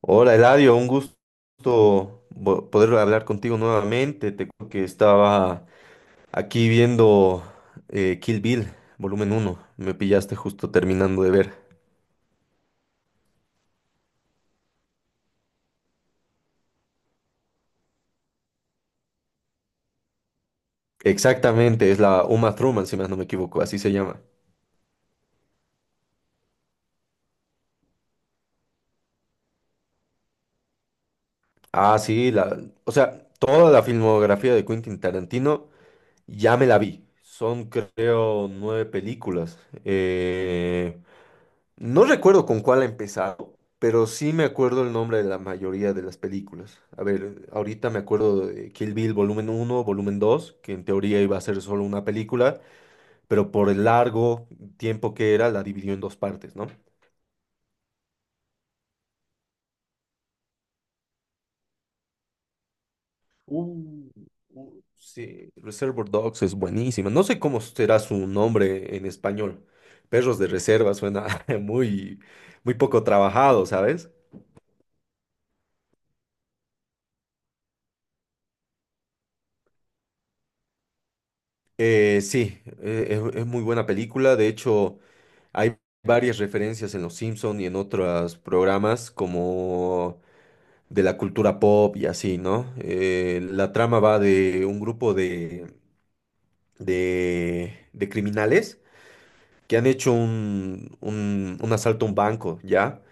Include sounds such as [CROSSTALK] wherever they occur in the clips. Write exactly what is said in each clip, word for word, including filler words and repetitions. Hola Eladio, un gusto vo- poder hablar contigo nuevamente. Te cuento que estaba aquí viendo eh, Kill Bill, volumen uno. Me pillaste justo terminando de ver. Exactamente, es la Uma Thurman, si más no me equivoco, así se llama. Ah, sí, la, o sea, toda la filmografía de Quentin Tarantino ya me la vi. Son, creo, nueve películas. Eh, No recuerdo con cuál ha empezado, pero sí me acuerdo el nombre de la mayoría de las películas. A ver, ahorita me acuerdo de Kill Bill volumen uno, volumen dos, que en teoría iba a ser solo una película, pero por el largo tiempo que era la dividió en dos partes, ¿no? Uh, Uh, Sí, Reservoir Dogs es buenísima. No sé cómo será su nombre en español. Perros de reserva suena [LAUGHS] muy, muy poco trabajado, ¿sabes? Eh, sí, eh, es, es muy buena película. De hecho, Hay varias referencias en Los Simpson y en otros programas como de la cultura pop y así, ¿no? Eh, la trama va de un grupo de, de, de criminales que han hecho un, un, un asalto a un banco, ¿ya?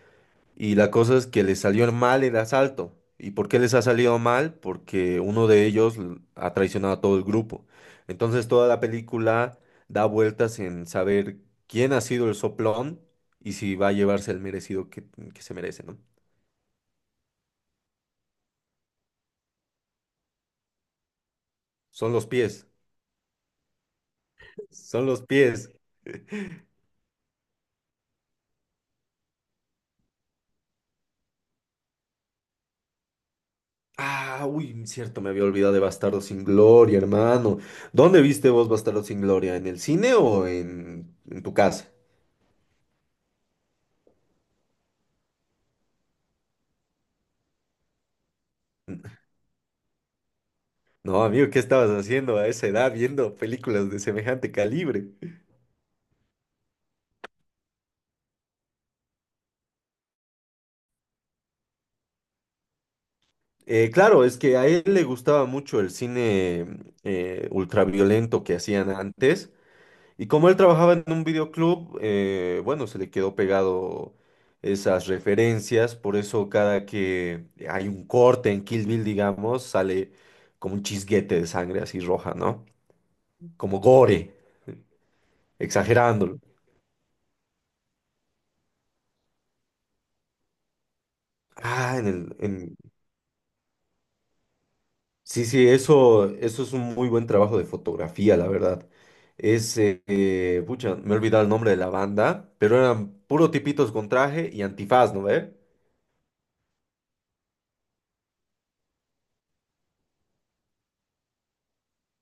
Y la cosa es que les salió mal el asalto. ¿Y por qué les ha salido mal? Porque uno de ellos l- ha traicionado a todo el grupo. Entonces toda la película da vueltas en saber quién ha sido el soplón y si va a llevarse el merecido que, que se merece, ¿no? Son los pies. Son los pies. Ah, uy, cierto, me había olvidado de Bastardo sin Gloria, hermano. ¿Dónde viste vos Bastardo sin Gloria? ¿En el cine o en en tu casa? No, amigo, ¿qué estabas haciendo a esa edad viendo películas de semejante calibre? Eh, claro, es que a él le gustaba mucho el cine eh, ultraviolento que hacían antes. Y como él trabajaba en un videoclub, eh, bueno, se le quedó pegado esas referencias. Por eso cada que hay un corte en Kill Bill, digamos, sale como un chisguete de sangre así roja, ¿no? Como gore, exagerándolo. Ah, en en el, en- Sí, sí, eso, eso es un muy buen trabajo de fotografía, la verdad. Es, eh, eh, pucha, me he olvidado el nombre de la banda, pero eran puro tipitos con traje y antifaz, ¿no ve?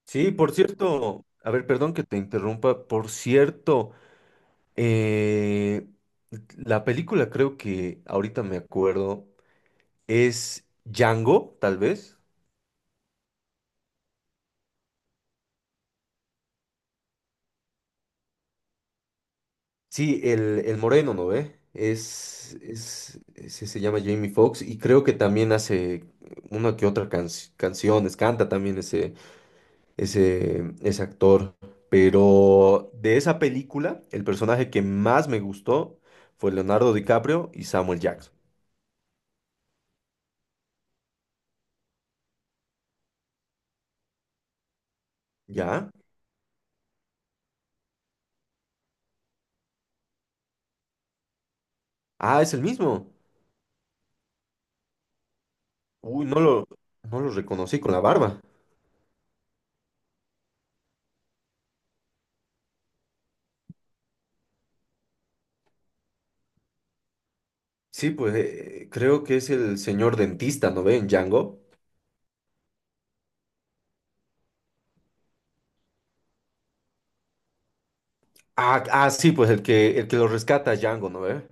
Sí, por cierto, a ver, perdón que te interrumpa, por cierto, eh, la película creo que ahorita me acuerdo es Django, tal vez. Sí, el, el moreno, ¿no ve? Es, es, ese se llama Jamie Foxx y creo que también hace una que otra can- canciones, canta también ese, ese, ese actor. Pero de esa película, el personaje que más me gustó fue Leonardo DiCaprio y Samuel Jackson. ¿Ya? Ah, es el mismo. Uy, no lo, no lo reconocí con la barba. Sí, pues eh, creo que es el señor dentista, ¿no ve? En Django. Ah, ah, sí, pues el que, el que lo rescata a Django, ¿no ve?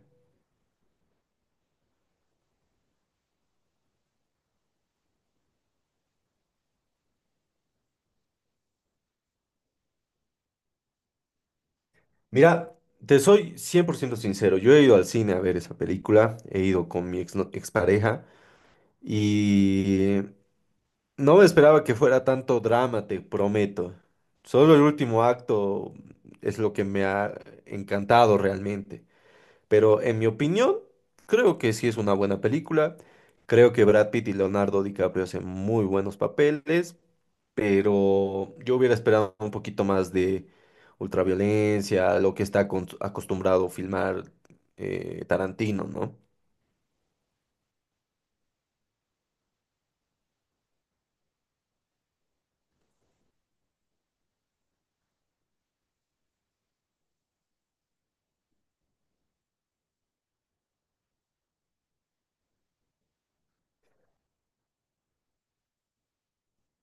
Mira, te soy cien por ciento sincero. Yo he ido al cine a ver esa película, he ido con mi ex, no, expareja y no me esperaba que fuera tanto drama, te prometo. Solo el último acto es lo que me ha encantado realmente. Pero en mi opinión, creo que sí es una buena película. Creo que Brad Pitt y Leonardo DiCaprio hacen muy buenos papeles, pero yo hubiera esperado un poquito más de ultraviolencia, lo que está acon- acostumbrado filmar eh, Tarantino, ¿no?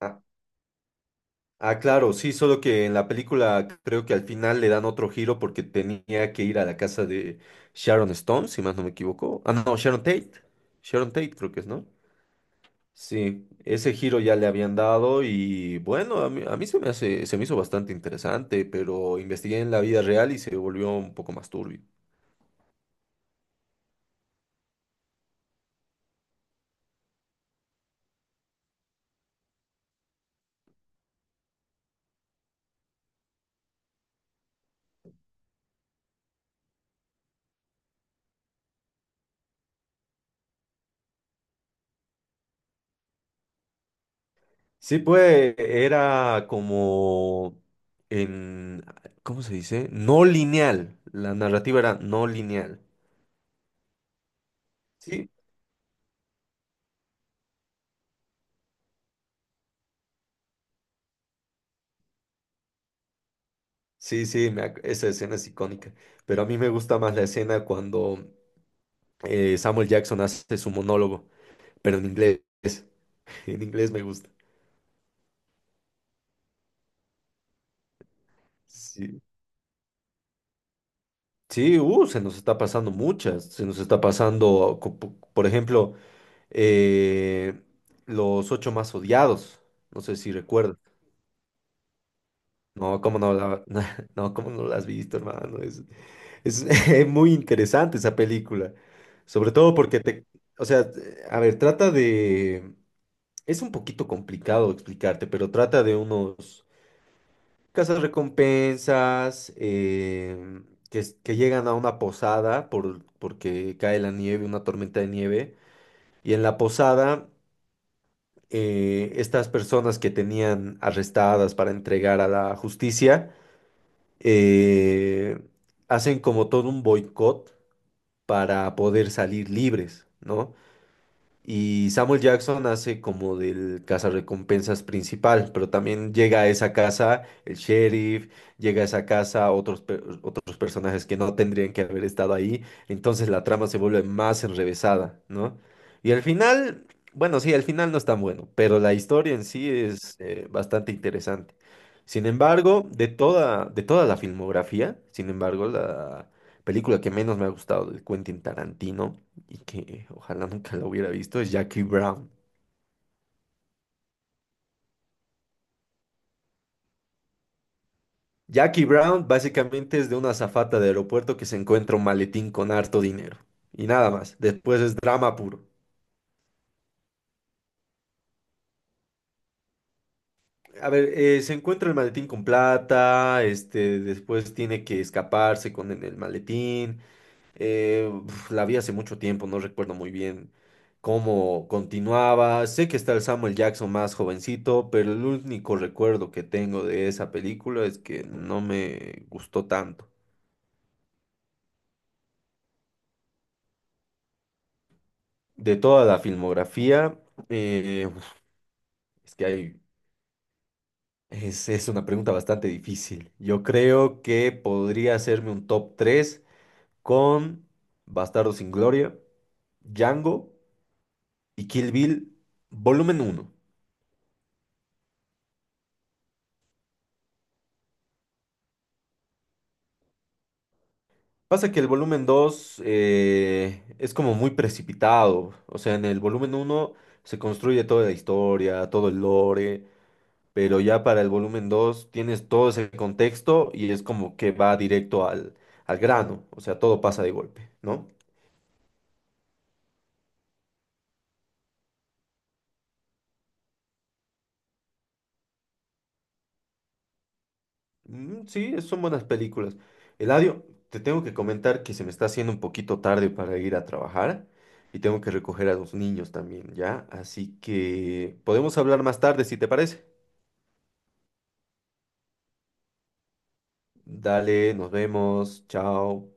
Ah, ah, claro, sí, solo que en la película creo que al final le dan otro giro porque tenía que ir a la casa de Sharon Stone, si más no me equivoco. Ah, no, Sharon Tate. Sharon Tate creo que es, ¿no? Sí, ese giro ya le habían dado y bueno, a mí, a mí se me hace, se me hizo bastante interesante, pero investigué en la vida real y se volvió un poco más turbio. Sí, pues era como En, ¿cómo se dice? No lineal. La narrativa era no lineal. Sí, sí, sí, me ac- esa escena es icónica. Pero a mí me gusta más la escena cuando eh, Samuel Jackson hace su monólogo, pero en inglés. [LAUGHS] En inglés me gusta. Sí. Sí, uh, se nos está pasando muchas, se nos está pasando, co- po- por ejemplo, eh, los ocho más odiados, no sé si recuerdas. No, cómo no la, [LAUGHS] no, cómo no la has visto, hermano. Es, es [LAUGHS] muy interesante esa película, sobre todo porque te, o sea, a ver, trata de, es un poquito complicado explicarte, pero trata de unos Casas recompensas em, que, es- que llegan a una posada por, porque cae la nieve, una tormenta de nieve. Y en la posada, eh, estas personas que tenían arrestadas para entregar a la justicia, eh, hacen como todo un boicot para poder salir libres, ¿no? Y Samuel Jackson hace como del cazarrecompensas principal, pero también llega a esa casa el sheriff, llega a esa casa otros, per- otros personajes que no tendrían que haber estado ahí, entonces la trama se vuelve más enrevesada, ¿no? Y al final, bueno, sí, al final no es tan bueno, pero la historia en sí es eh, bastante interesante. Sin embargo, de toda, de toda la filmografía, sin embargo, la película que menos me ha gustado de Quentin Tarantino y que ojalá nunca lo hubiera visto, es Jackie Brown. Jackie Brown básicamente es de una azafata de aeropuerto que se encuentra un maletín con harto dinero. Y nada más, después es drama puro. A ver, eh, se encuentra el maletín con plata, este, después tiene que escaparse con el, el maletín. Eh, uf, la vi hace mucho tiempo, no recuerdo muy bien cómo continuaba. Sé que está el Samuel Jackson más jovencito, pero el único recuerdo que tengo de esa película es que no me gustó tanto. De toda la filmografía, eh, es que hay, es, es una pregunta bastante difícil. Yo creo que podría hacerme un top tres con Bastardo sin Gloria, Django y Kill Bill, volumen uno. Pasa que el volumen dos eh, es como muy precipitado. O sea, en el volumen uno se construye toda la historia, todo el lore. Pero ya para el volumen dos tienes todo ese contexto y es como que va directo al, al grano, o sea, todo pasa de golpe, ¿no? Mm, sí, son buenas películas. Eladio, te tengo que comentar que se me está haciendo un poquito tarde para ir a trabajar y tengo que recoger a los niños también, ¿ya? Así que podemos hablar más tarde si te parece. Dale, nos vemos, chao.